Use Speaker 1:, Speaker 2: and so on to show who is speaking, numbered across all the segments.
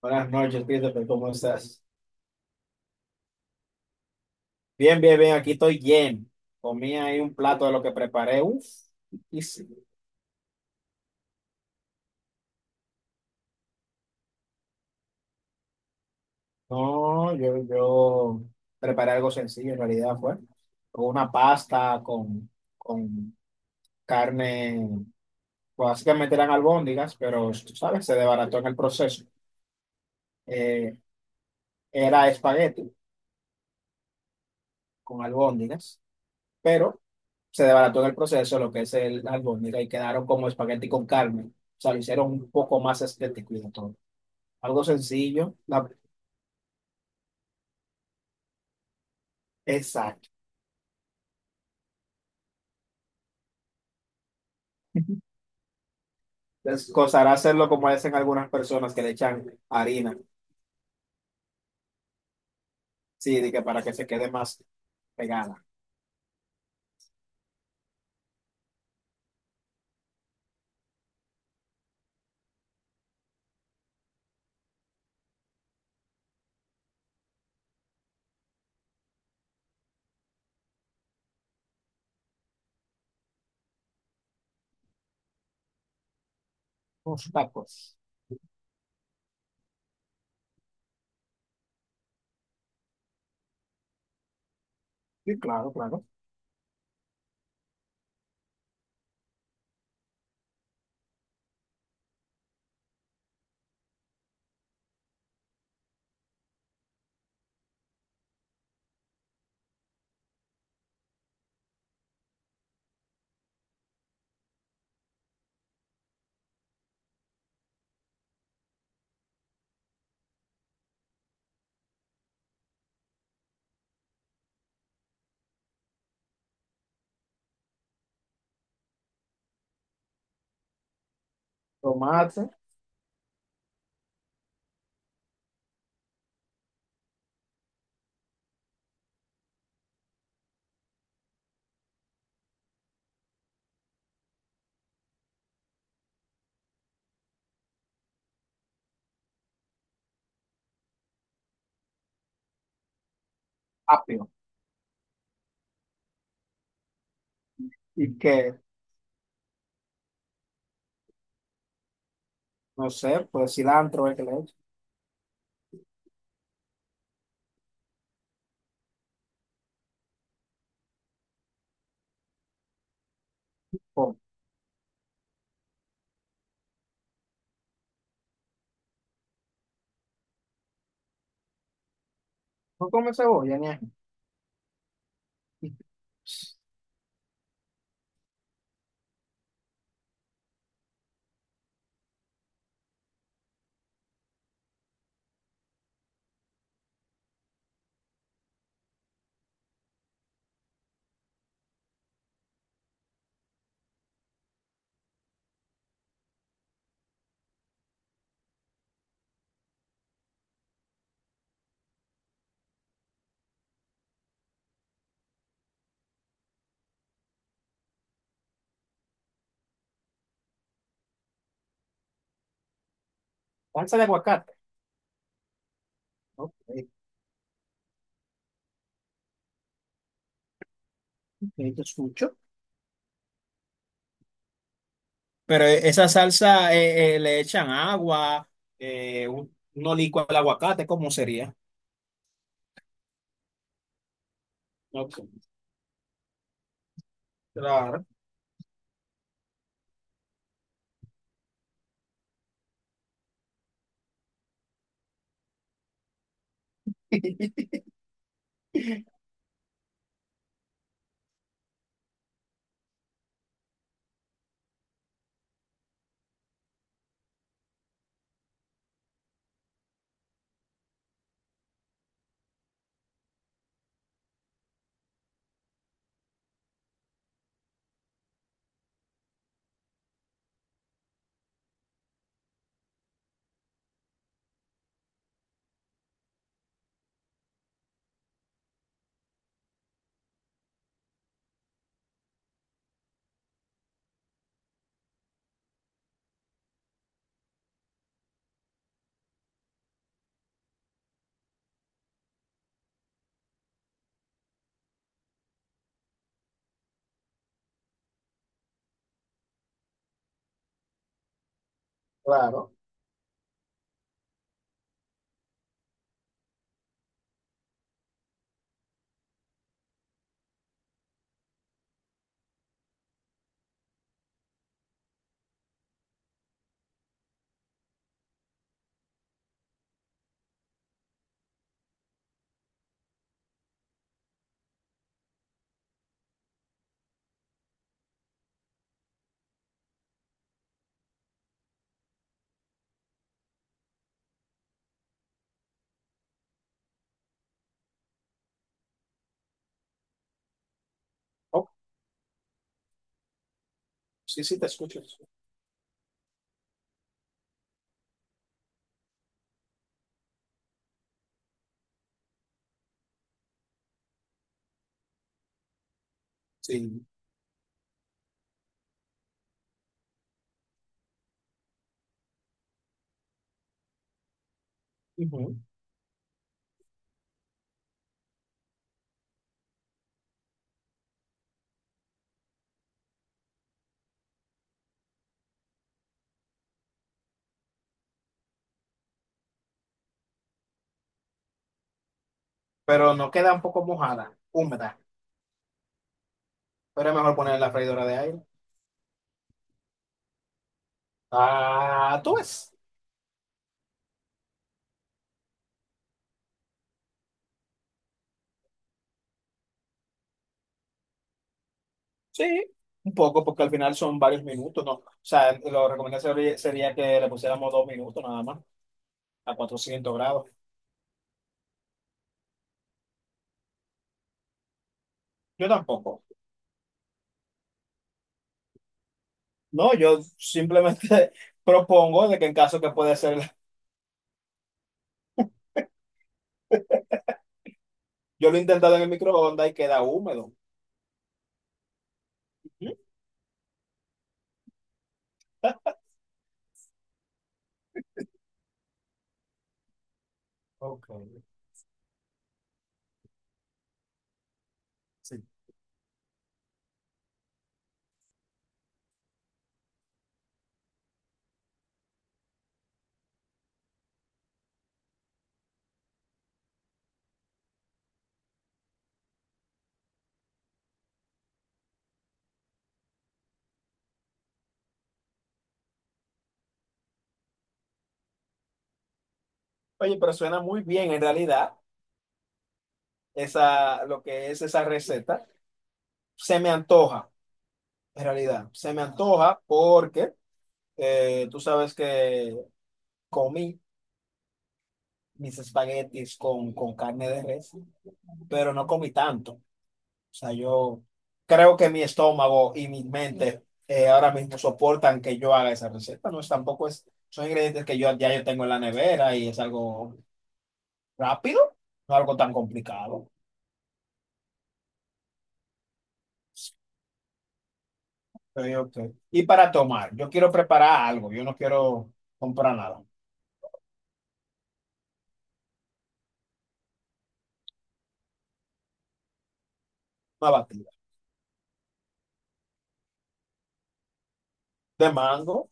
Speaker 1: Buenas noches, Christopher, ¿cómo estás? Bien, bien, bien, aquí estoy lleno. Comí ahí un plato de lo que preparé. Uf, y sí. No, yo preparé algo sencillo en realidad, fue con una pasta, con carne, pues, básicamente eran albóndigas, pero tú sabes, se desbarató en el proceso. Eh, Era espagueti con albóndigas, pero se desbarató en el proceso lo que es el albóndiga y quedaron como espagueti con carne. O sea, lo hicieron un poco más estético y de todo. Algo sencillo. Exacto. Les costará hacerlo como hacen algunas personas que le echan harina. Sí, de que para que se quede más pegada. Los tacos. Sí, claro, claro. Tomate, apio. Y que, no sé, pues cilantro, el que le eche. Pon. No come cebolla ni ají. Salsa de aguacate. Ok, ok, te escucho. Pero esa salsa le echan agua, uno licua el aguacate, ¿cómo sería? Ok, claro, claro. Oh, sí, sí, te escucho. Sí. Ujú. ¿Pero no queda un poco mojada, húmeda? Pero es mejor poner en la freidora de aire. Ah, tú ves. Sí, un poco, porque al final son varios minutos, ¿no? O sea, lo recomendable sería, sería que le pusiéramos 2 minutos nada más, a 400 grados. Yo tampoco. No, yo simplemente propongo de que en caso que puede ser. Yo lo he intentado en el microondas y queda húmedo. ¿Mm? Ok, sí. Oye, pero suena muy bien en realidad esa, lo que es esa receta. Se me antoja, en realidad. Se me antoja porque tú sabes que comí mis espaguetis con carne de res, pero no comí tanto. O sea, yo creo que mi estómago y mi mente ahora mismo soportan que yo haga esa receta. No es, tampoco es, son ingredientes que yo ya yo tengo en la nevera y es algo rápido, no algo tan complicado. Ok, ok. Y para tomar, yo quiero preparar algo, yo no quiero comprar nada. Una batida. ¿De mango?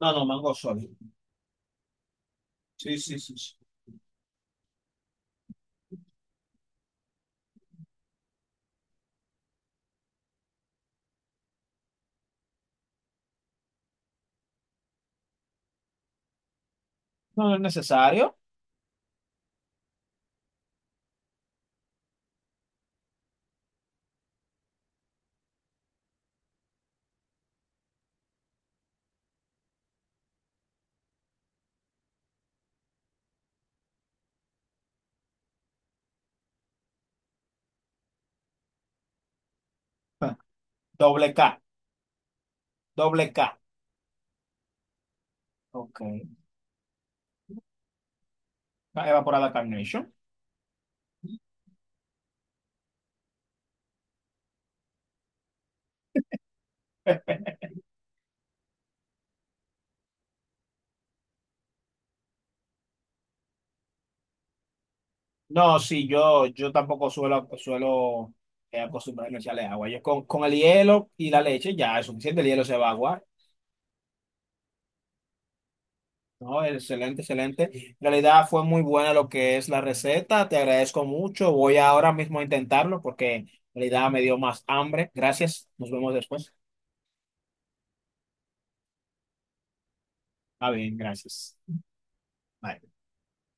Speaker 1: No, no, mango sólido. Sí, sí, sí, sí. No, no es necesario. Ah, Doble K, doble K. Ok. Ah, Evaporada Carnation. No, sí, yo tampoco suelo, suelo acostumbrarme a echarle agua. Yo con el hielo y la leche ya es suficiente, el hielo se va a aguar. No, excelente, excelente. En realidad fue muy buena lo que es la receta. Te agradezco mucho. Voy ahora mismo a intentarlo porque en realidad me dio más hambre. Gracias. Nos vemos después. Ah, bien, gracias. Bye.